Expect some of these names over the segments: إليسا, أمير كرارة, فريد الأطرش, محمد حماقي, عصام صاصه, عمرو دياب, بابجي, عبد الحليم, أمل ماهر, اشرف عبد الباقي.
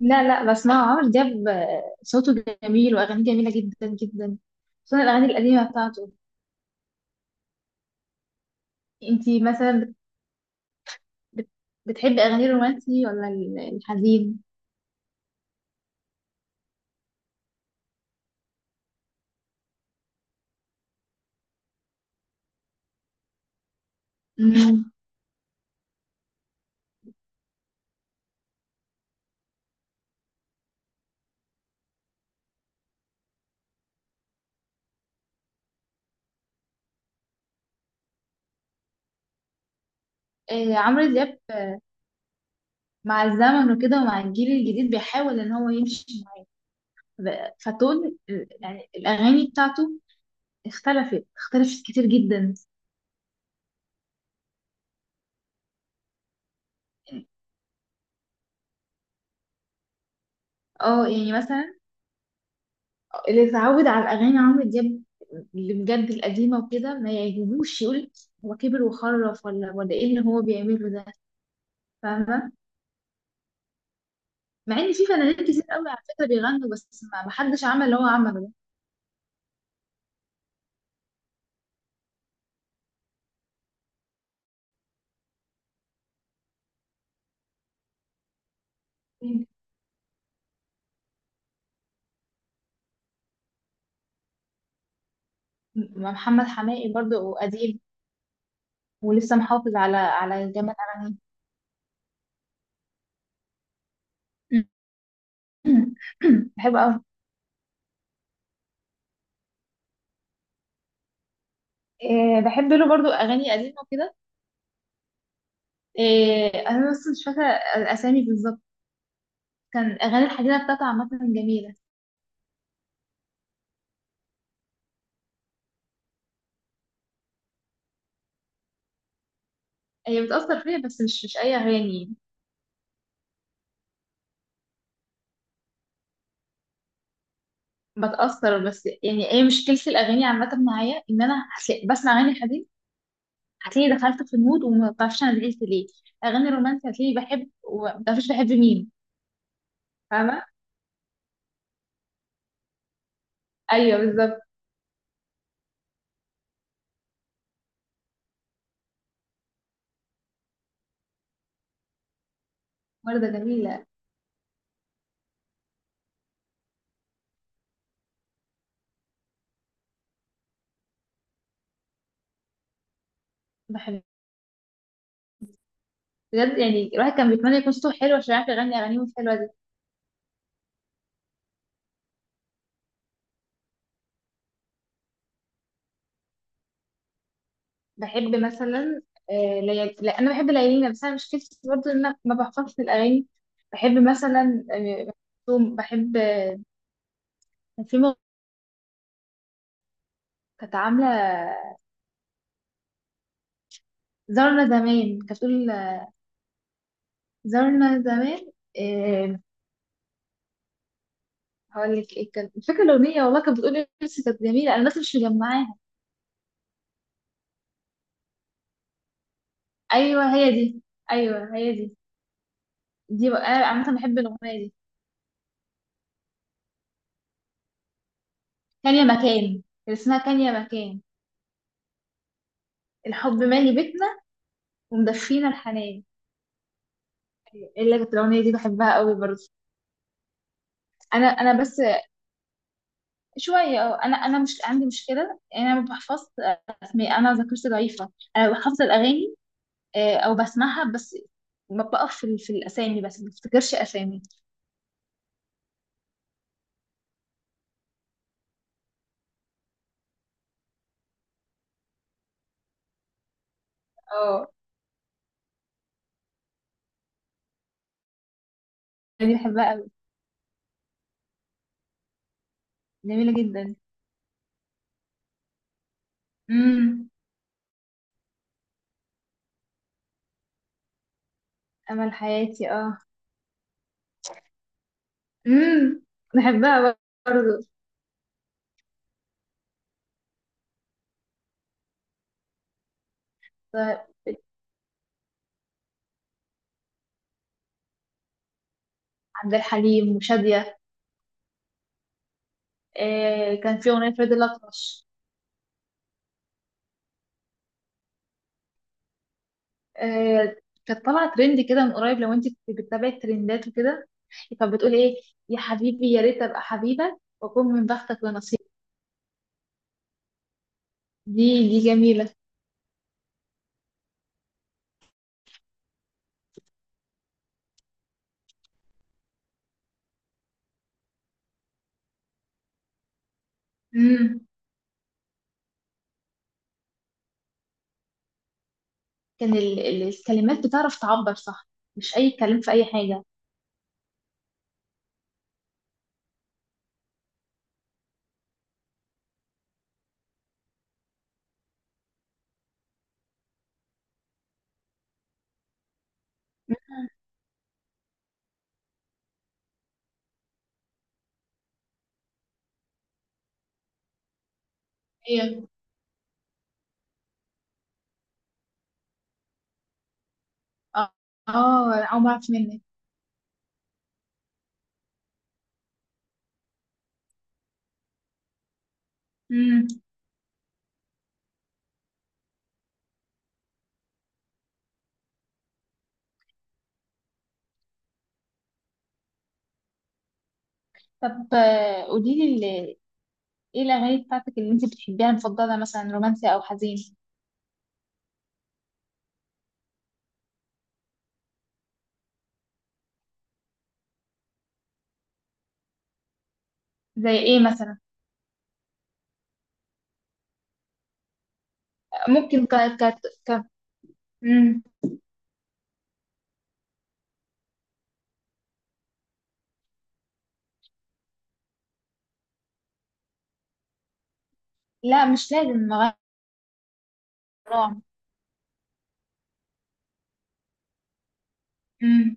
لا لا، بسمعه عمرو دياب، آه، صوته جميل واغانيه جميله جدا جدا، خصوصا الاغاني القديمه بتاعته. انتي مثلا بت- بتحبي اغاني الرومانسي ولا الحزين؟ مم. آه، عمرو دياب آه، مع الزمن وكده ومع الجيل الجديد بيحاول ان هو يمشي فتون يعني الاغاني بتاعته اختلفت كتير جدا. اه يعني مثلا اللي اتعود على اغاني عمرو دياب اللي بجد القديمه وكده ما يعجبوش، يقول هو كبر وخرف ولا ايه اللي هو بيعمله ده. فاهمه. مع ان في فنانين كتير قوي على فكره بيغنوا، بس ما حدش عمل اللي هو عمله ده. م- محمد حماقي برضه قديم ولسه محافظ على جامد اغانيه. بحب قوي. إيه، بحب له برضه اغاني قديمه وكده. إيه، انا بس مش فاكره الاسامي بالظبط. كان اغاني الحديده بتاعته عامه جميله. هي بتأثر فيا، بس مش أي أغاني. بتأثر، بس يعني ايه مشكلة الأغاني عامة معايا، إن أنا بسمع أغاني حزين هتلاقيني دخلت في المود وما بعرفش أنا زعلت ليه، أغاني رومانسية هتلاقيني بحب وما بعرفش بحب مين. فاهمة؟ أيوه بالظبط. وردة جميلة. بحب. بجد يعني الواحد كان بيتمنى يكون صوته حلو عشان يعرف يغني أغانيهم الحلوة دي. بحب مثلا، لا، أنا بحب ليالينا، بس أنا مشكلتي برضه إن أنا ما بحفظش الأغاني. بحب مثلا، آه، بحب. في مغ- كانت عاملة زارنا زمان، كانت بتقول زارنا زمان إيه، هقول لك ايه كان فاكره الاغنيه، والله كانت بتقول نفسي، كانت جميله، انا بس مش مجمعاها. ايوه هي دي، ايوه هي دي. دي بقى انا عامه بحب الاغنيه دي. كان يا مكان، اللي اسمها كان يا مكان، الحب مالي بيتنا، ومدفينا الحنان. اللي كانت الاغنيه دي بحبها قوي برضه. انا بس. شويه، اه، انا مش عندي مشكله، انا ما بحفظش اسماء، انا ذاكرتي ضعيفه، انا بحفظ الاغاني آه، او بسمعها بس، ما بقف في الاسامي، بس ما بفتكرش اسامي. دي بحبها قوي. جميلة جدا. امم. أمل حياتي، اه. امم. بحبها برضه. طيب، عبد الحليم وشادية. آه كان في أغنية فريد الأطرش، آه، كانت طالعة ترند كده من قريب، لو انت كنت بتتابعي الترندات وكده. كانت بتقول ايه؟ يا حبيبي يا ريت أبقى حبيبك وأكون من بختك ونصيبك. دي جميلة. امم. كان ال الكلمات بتعرف تعبر، صح، مش أي كلام في أي حاجة. مم. هي. اه. آه، عمرك منك. طب آه، قولي لي، ايه الاغاني بتاعتك اللي انت بتحبيها المفضله، مثلا رومانسي او حزين؟ زي ايه مثلا؟ ممكن ك ك ك مم. لا مش لازم نوع. مم.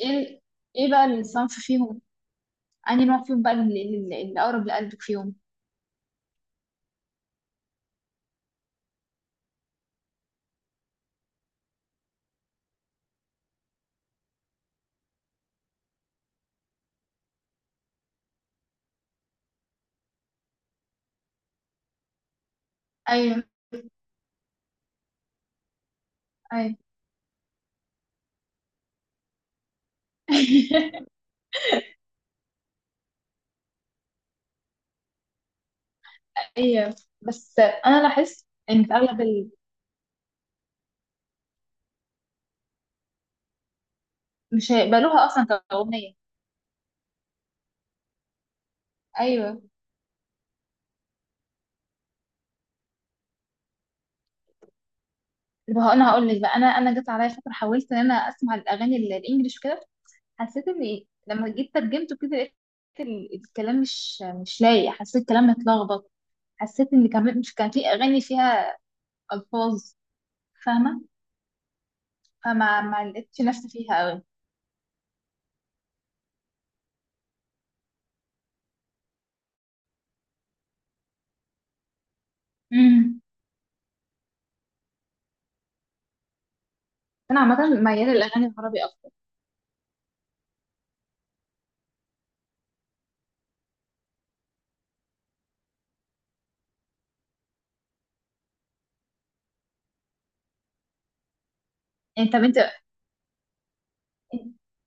ايه. ايه بقى الصنف فيهم، انهي نوع فيهم بقى اللي اقرب لقلبك فيهم؟ ايوه. ايوه ايوه. بس انا لاحظت ان في اغلب مش هيقبلوها اصلا كاغنيه. ايوه. طب انا هقول لك بقى، انا جت عليا فتره حاولت ان انا اسمع الاغاني الانجليش وكده. حسيت ان إيه؟ لما جيت ترجمته كده لقيت الكلام مش لايق، حسيت الكلام متلخبط، حسيت ان كان مش كان في اغاني فيها الفاظ، فاهمه؟ فما ما لقيتش نفسي فيها قوي. امم. انا عامه مياله للاغاني العربي اكتر. يعني طب انت.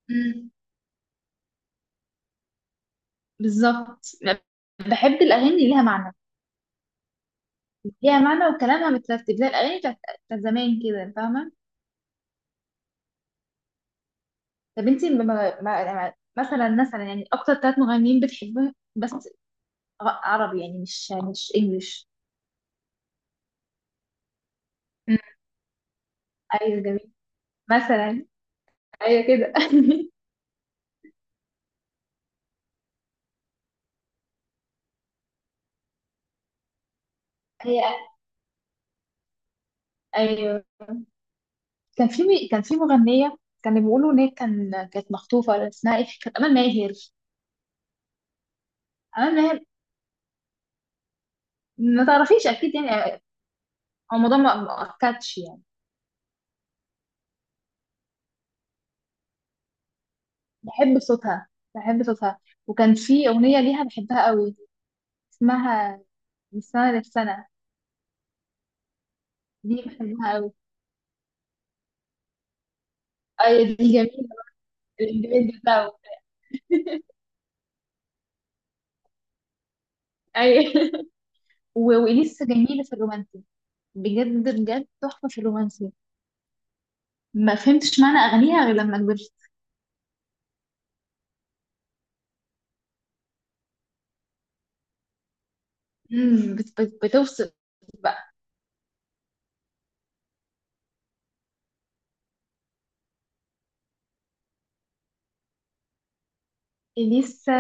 امم. بالظبط. بحب الاغاني اللي ليها معنى، ليها معنى وكلامها مترتب زي الاغاني بتاعت زمان كده، فاهمه؟ طب انت مثلا، مثلا يعني اكتر ثلاث مغنيين بتحبهم، بس عربي يعني مش انجليش. مم. ايوه جميل. مثلا. ايوه كده. هي. ايوه. كان في مغنيه كانوا بيقولوا ان هي كانت مخطوفه، اسمها ايه، كانت امال ماهر. امال ماهر، ما تعرفيش اكيد يعني. هو الموضوع ما اكدش يعني. بحب صوتها، بحب صوتها. وكان في اغنيه ليها بحبها قوي، اسمها من سنه للسنه. دي بحبها قوي. ايوه دي جميله. الاندماج بتاعه. ايوه. واليسا جميله في الرومانسي، بجد بجد تحفة في الرومانسي. ما فهمتش معنى أغانيها غير لما كبرت. مم، بتوصف بقى. إليسا،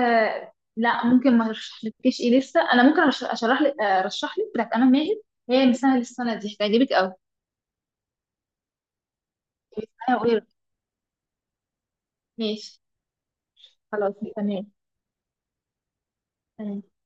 لا ممكن ما ارشحلكيش إليسا. أنا ممكن أرش- أشرح لك أرشح لك بتاعت أمل ماهر. هي مثال السنة دي هتعجبك أوي. اسمعيها وقولي رأيك. ماشي. خلاص تمام. تمام.